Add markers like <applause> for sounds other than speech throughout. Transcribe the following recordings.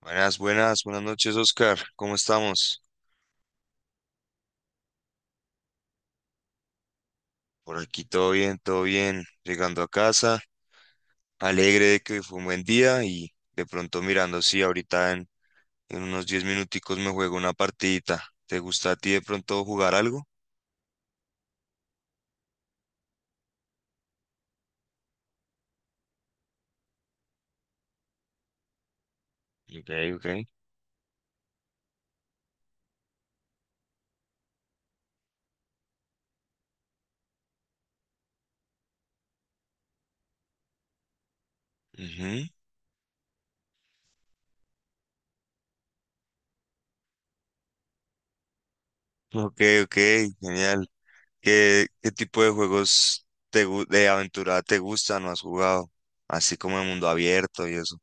Buenas, buenas, buenas noches, Oscar. ¿Cómo estamos? Por aquí todo bien, todo bien. Llegando a casa, alegre de que hoy fue un buen día y de pronto mirando, sí, ahorita en unos 10 minuticos me juego una partidita. ¿Te gusta a ti de pronto jugar algo? Ok, ok. Ujú. Ok, ok, genial. ¿Qué tipo de juegos de aventura te gustan o has jugado? Así como el mundo abierto y eso.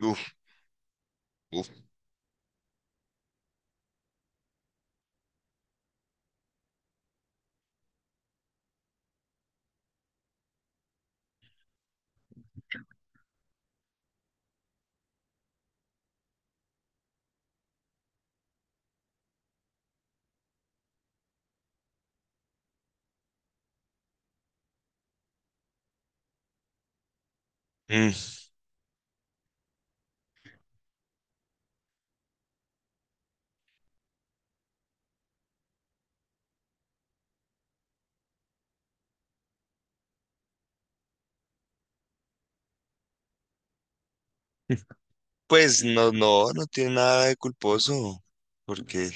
Uf, uf. Pues no, no, no tiene nada de culposo, porque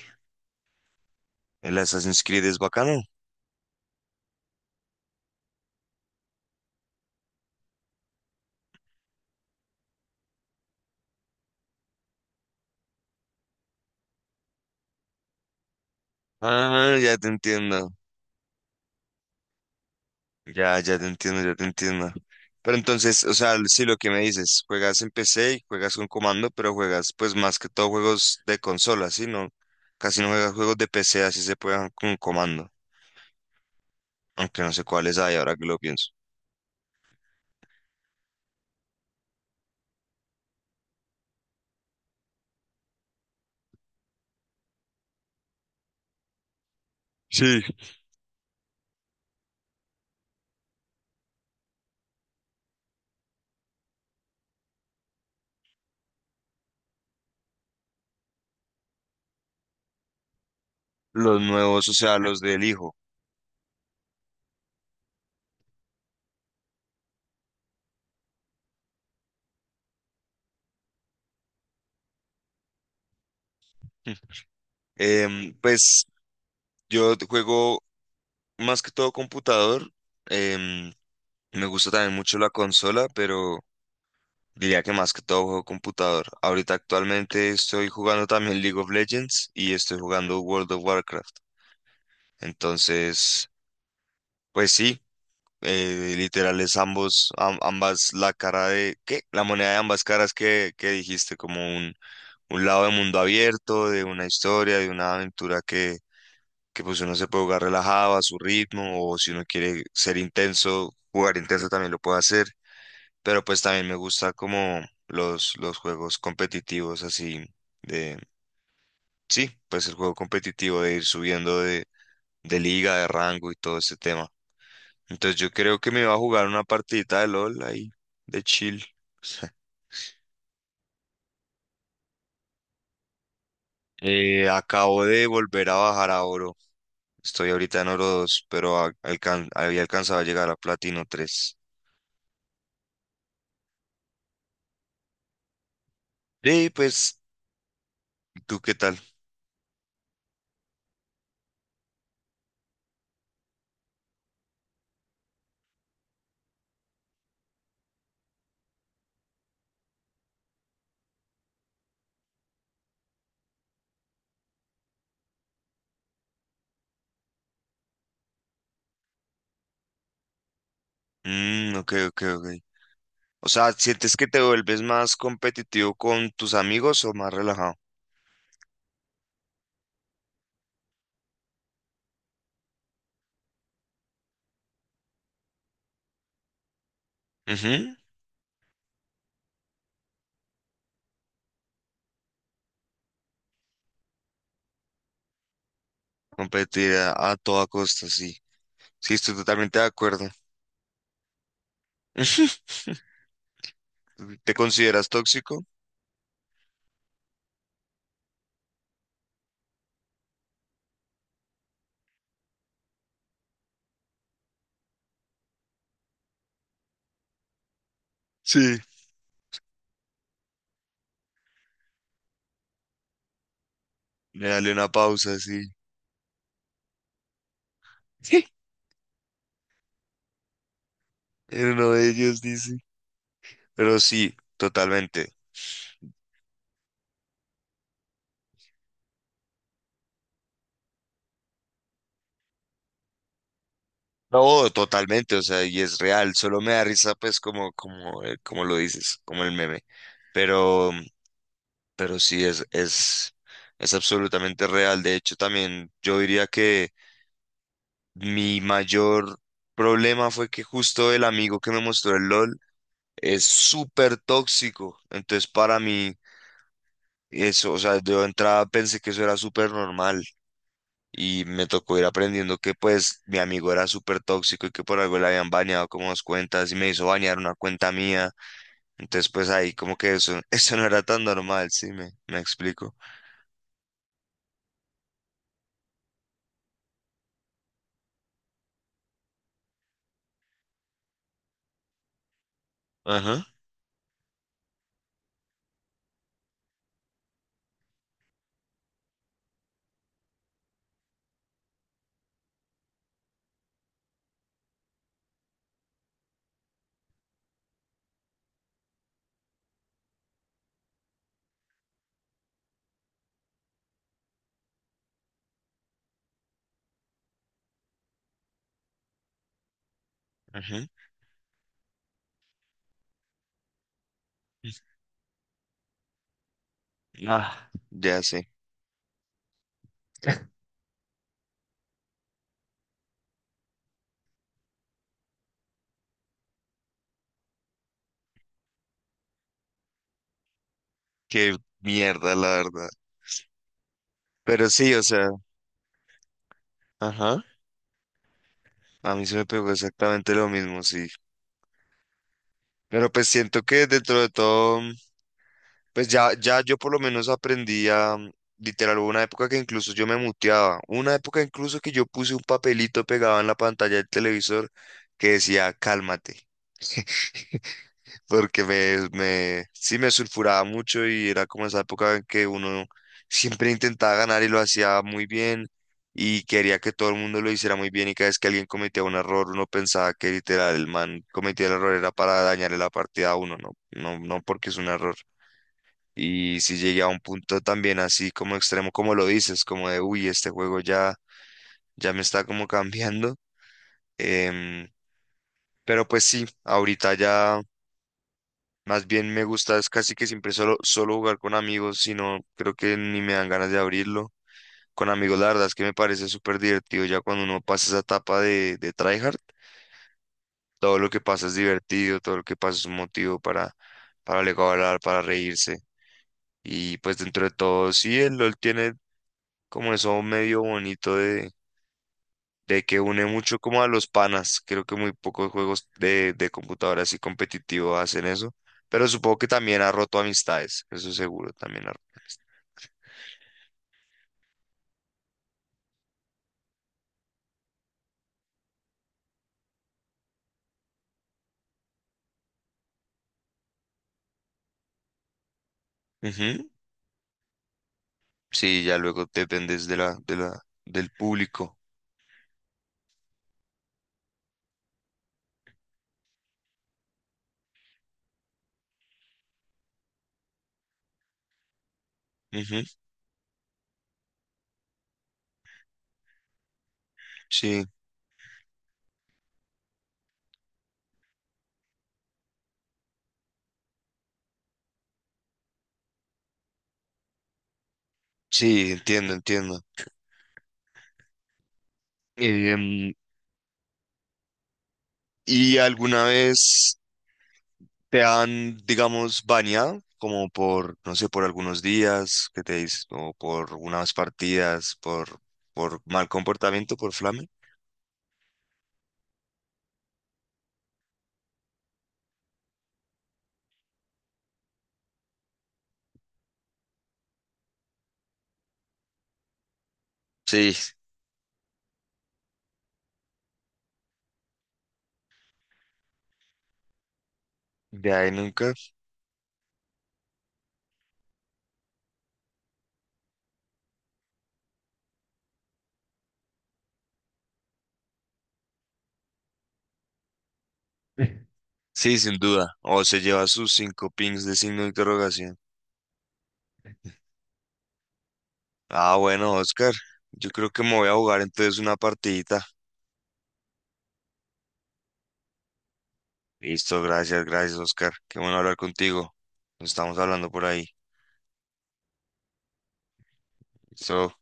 el Assassin's Creed es bacano. Ah, ya te entiendo, ya te entiendo, ya te entiendo. Pero entonces, o sea, sí, lo que me dices, juegas en PC y juegas con comando, pero juegas pues más que todo juegos de consola, ¿sí? No, casi no juegas juegos de PC, así se juegan con comando, aunque no sé cuáles hay ahora que lo pienso. Sí. Los nuevos, o sea, los del hijo. <laughs> Pues yo juego más que todo computador. em, Me gusta también mucho la consola, pero diría que más que todo juego computador. Ahorita actualmente estoy jugando también League of Legends y estoy jugando World of Warcraft. Entonces, pues sí, literal es ambos, ambas la cara de, ¿qué? La moneda de ambas caras que dijiste, como un lado de mundo abierto, de una historia, de una aventura que pues uno se puede jugar relajado a su ritmo, o si uno quiere ser intenso, jugar intenso también lo puede hacer. Pero pues también me gusta como los juegos competitivos así de, sí, pues el juego competitivo de ir subiendo de, liga, de rango y todo ese tema. Entonces yo creo que me va a jugar una partidita de LOL ahí, de chill. <laughs> Acabo de volver a bajar a oro. Estoy ahorita en oro 2 pero había alcanzado a llegar a platino tres. Sí, pues, ¿tú qué tal? Mm, ok, ok, ok. O sea, ¿sientes que te vuelves más competitivo con tus amigos o más relajado? Ujú. Competir a toda costa, sí. Sí, estoy totalmente de acuerdo. <laughs> ¿Te consideras tóxico? Sí. Le dale una pausa, sí. <laughs> En uno de ellos dice. Pero sí, totalmente. No, totalmente, o sea, y es real. Solo me da risa, pues, como lo dices, como el meme. Pero. Pero sí es absolutamente real. De hecho, también yo diría que mi mayor problema fue que justo el amigo que me mostró el LOL es súper tóxico. Entonces, para mí, eso, o sea, yo de entrada pensé que eso era súper normal. Y me tocó ir aprendiendo que pues mi amigo era súper tóxico y que por algo le habían bañado como dos cuentas y me hizo bañar una cuenta mía. Entonces pues ahí como que eso, <laughs> eso no era tan normal, sí, me explico. Ajá, ajá. Ah, ya sé. Qué mierda, la verdad. Pero sí, o sea, ajá. A mí se me pegó exactamente lo mismo, sí. Pero pues siento que dentro de todo, pues ya yo por lo menos aprendí a, literal, hubo una época que incluso yo me muteaba. Una época incluso que yo puse un papelito pegado en la pantalla del televisor que decía, cálmate. Porque sí me sulfuraba mucho y era como esa época en que uno siempre intentaba ganar y lo hacía muy bien y quería que todo el mundo lo hiciera muy bien, y cada vez que alguien cometía un error uno pensaba que literal el man cometía el error era para dañarle la partida a uno, no, no, no porque es un error. Y si llegué a un punto también así como extremo, como lo dices, como de, uy, este juego ya, me está como <laughs> cambiando. em, pero pues sí, ahorita ya más bien me gusta, es casi que siempre solo jugar con amigos, sino creo que ni me dan ganas de abrirlo. Con amigos, la verdad es que me parece súper divertido ya cuando uno pasa esa etapa de, tryhard. Todo lo que pasa es divertido, todo lo que pasa es un motivo para luego hablar, para reírse. Y pues dentro de todo, sí, el LOL tiene como eso medio bonito de que une mucho como a los panas. Creo que muy pocos juegos de computadora así competitivo hacen eso, pero supongo que también ha roto amistades, eso seguro, también ha roto amistades. Ujú. Sí, ya luego dependes de la, del público. Ujú. Sí, sí, entiendo, entiendo. Em, ¿Y alguna vez te han, digamos, baneado? Como por, no sé, por algunos días que te dices, o por unas partidas, por mal comportamiento, por flame. Sí. De ahí nunca. <laughs> Sí, sin duda. O se lleva sus cinco pings de signo de interrogación. Ah, bueno, Oscar. Yo creo que me voy a jugar entonces una partidita. Listo, gracias, gracias, Oscar. Qué bueno hablar contigo. Nos estamos hablando por ahí. Listo.